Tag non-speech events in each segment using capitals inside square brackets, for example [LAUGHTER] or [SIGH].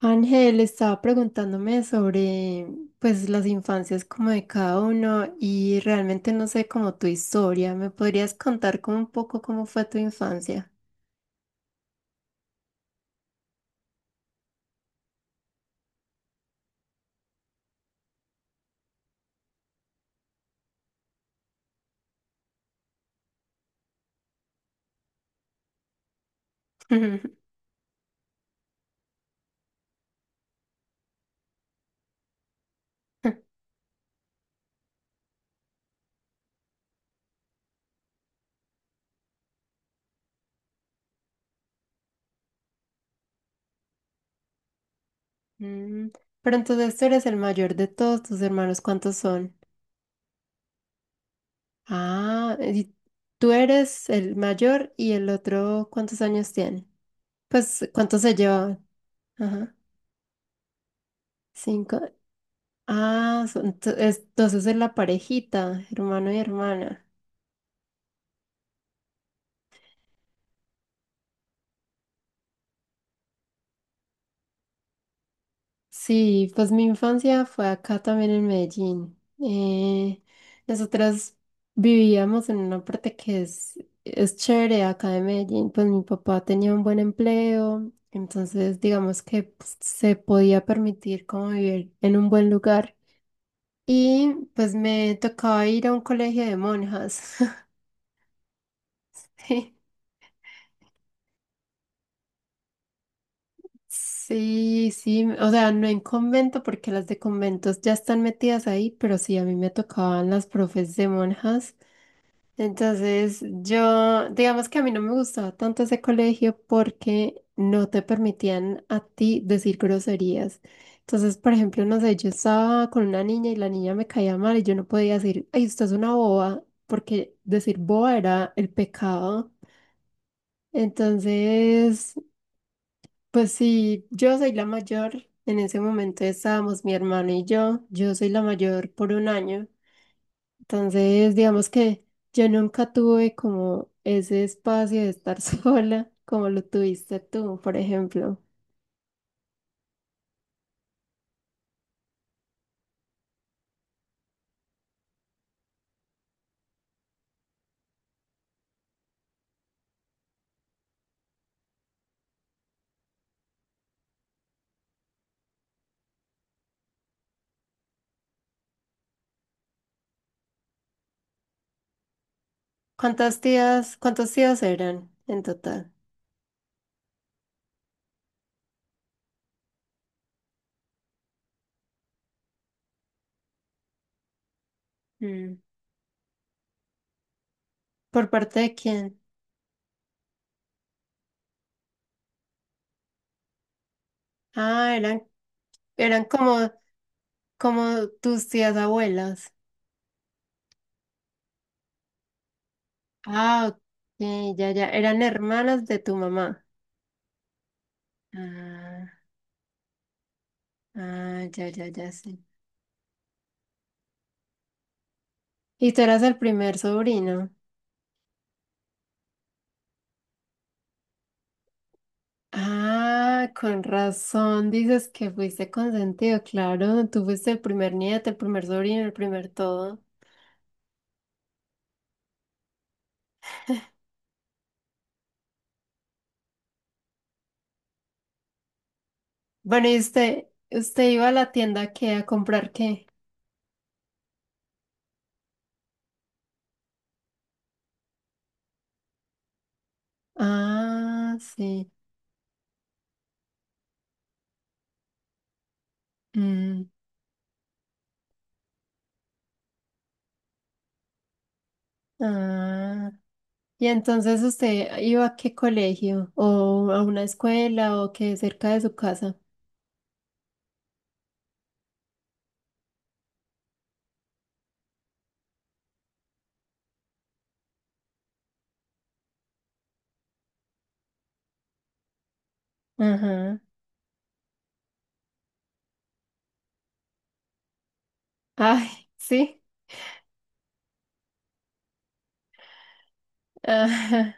Ángel estaba preguntándome sobre pues las infancias como de cada uno y realmente no sé como tu historia. ¿Me podrías contar como un poco cómo fue tu infancia? [LAUGHS] Mm. Pero entonces tú eres el mayor de todos tus hermanos. ¿Cuántos son? Ah, y tú eres el mayor y el otro, ¿cuántos años tiene? Pues, ¿cuántos se llevaban? Ajá, cinco. Ah, entonces es la parejita, hermano y hermana. Sí, pues mi infancia fue acá también en Medellín. Nosotras vivíamos en una parte que es chévere acá de Medellín. Pues mi papá tenía un buen empleo, entonces digamos que pues, se podía permitir como vivir en un buen lugar. Y pues me tocaba ir a un colegio de monjas. [LAUGHS] Sí. Sí, sí, o sea, no en convento porque las de conventos ya están metidas ahí, pero sí, a mí me tocaban las profes de monjas. Entonces, yo, digamos que a mí no me gustaba tanto ese colegio porque no te permitían a ti decir groserías. Entonces, por ejemplo, no sé, yo estaba con una niña y la niña me caía mal y yo no podía decir, ay, usted es una boba, porque decir boba era el pecado. Entonces, pues sí, yo soy la mayor. En ese momento estábamos mi hermano y yo. Yo soy la mayor por un año. Entonces, digamos que yo nunca tuve como ese espacio de estar [LAUGHS] sola como lo tuviste tú, por ejemplo. ¿Cuántas tías, cuántos tíos eran en total? Mm. ¿Por parte de quién? Ah, eran como tus tías abuelas. Ah, ok, ya, ya. Eran hermanas de tu mamá. Ah. Ah, ya, ya, ya sé. Y tú eras el primer sobrino. Ah, con razón dices que fuiste consentido, claro. Tú fuiste el primer nieto, el primer sobrino, el primer todo. Bueno, ¿y usted iba a la tienda qué, a comprar qué? Ah, sí. Mm. Ah. Y entonces usted iba a qué colegio, o a una escuela, o qué cerca de su casa. Ajá. Ay, sí. [LAUGHS] Ajá.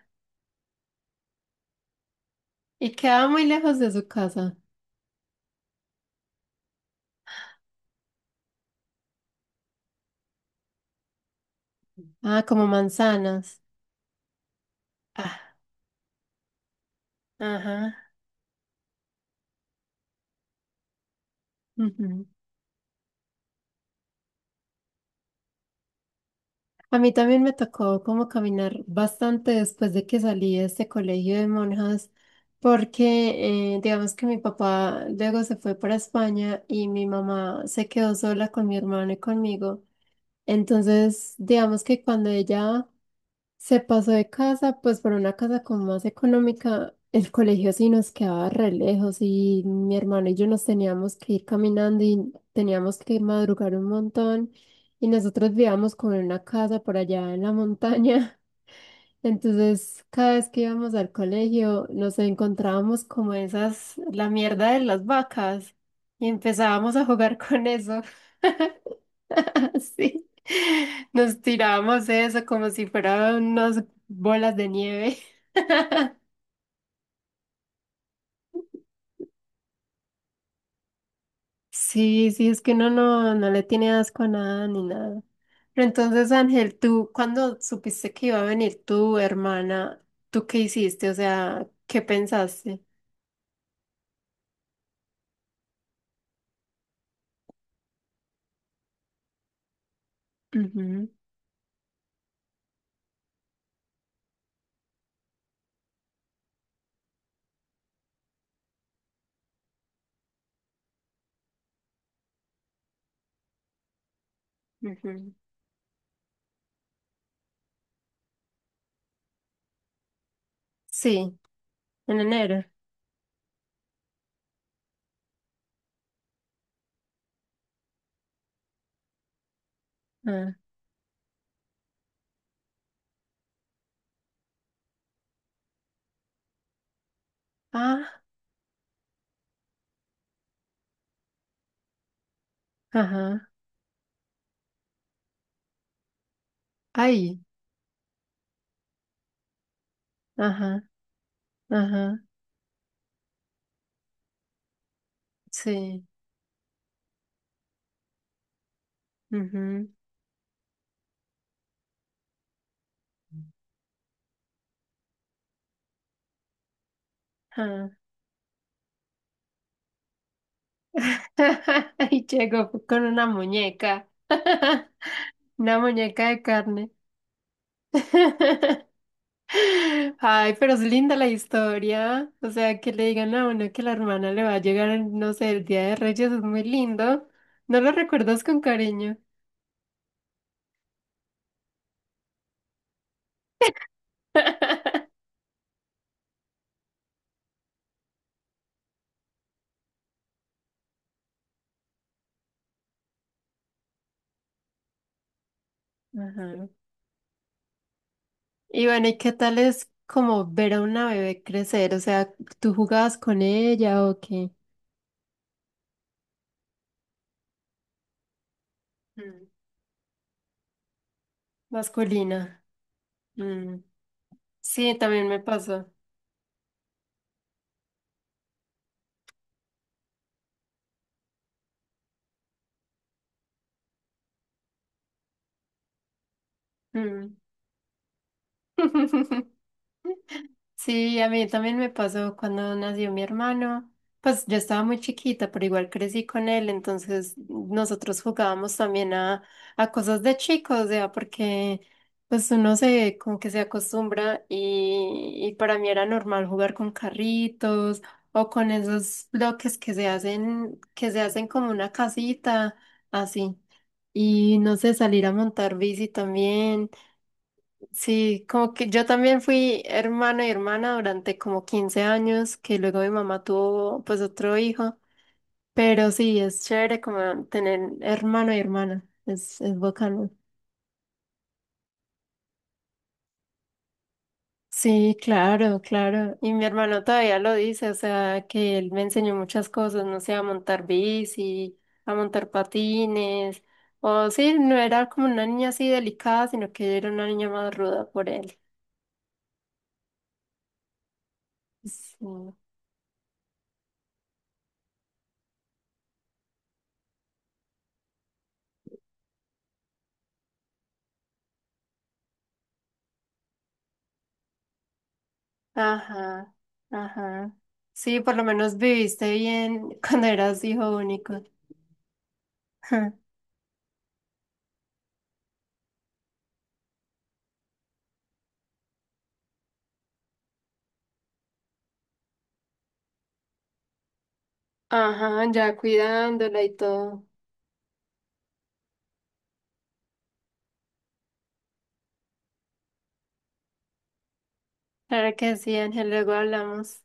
Y quedaba muy lejos de su casa. Ah, como manzanas. Ah, ajá. Ujú. A mí también me tocó como caminar bastante después de que salí de este colegio de monjas, porque digamos que mi papá luego se fue para España y mi mamá se quedó sola con mi hermano y conmigo. Entonces, digamos que cuando ella se pasó de casa, pues por una casa como más económica, el colegio sí nos quedaba re lejos y mi hermano y yo nos teníamos que ir caminando y teníamos que madrugar un montón y nosotros vivíamos como en una casa por allá en la montaña. [LAUGHS] Entonces, cada vez que íbamos al colegio, nos encontrábamos como esas, la mierda de las vacas y empezábamos a jugar con eso. [LAUGHS] Así, nos tirábamos eso como si fueran unas bolas de nieve. [LAUGHS] Sí, sí, es que uno no, no le tiene asco a nada ni nada. Pero entonces, Ángel, tú, cuando supiste que iba a venir tu hermana, ¿tú qué hiciste? O sea, ¿qué pensaste? Ujú, ujú. Sí, en enero. Ah, ah, ajá, ahí, ajá, ajá, sí, ujú, ah. [LAUGHS] Y llegó con una muñeca, [LAUGHS] una muñeca de carne. [LAUGHS] Ay, pero es linda la historia. O sea, que le digan a uno que la hermana le va a llegar, en, no sé, el Día de Reyes es muy lindo. No lo recuerdas con cariño. Ajá. Y bueno, ¿y qué tal es como ver a una bebé crecer? O sea, ¿tú jugabas con ella o qué? Mm. Masculina. Mm. Sí, también me pasó. Mm. [LAUGHS] Sí, a mí también me pasó cuando nació mi hermano. Pues yo estaba muy chiquita, pero igual crecí con él, entonces nosotros jugábamos también a cosas de chicos, o sea, porque pues uno se como que se acostumbra y para mí era normal jugar con carritos o con esos bloques que se hacen como una casita, así. Y no sé, salir a montar bici también. Sí, como que yo también fui hermano y hermana durante como 15 años, que luego mi mamá tuvo pues otro hijo, pero sí, es chévere como tener hermano y hermana, es bacano. Sí, claro, claro. Y mi hermano todavía lo dice, o sea, que él me enseñó muchas cosas, no sé, a montar bici, a montar patines, o sí, no era como una niña así delicada, sino que yo era una niña más ruda por él. Sí. Ajá, ajá. Sí, por lo menos viviste bien [LAUGHS] cuando eras hijo único. [LAUGHS] Ajá, ya cuidándola y todo. Claro que sí, Ángel, luego hablamos.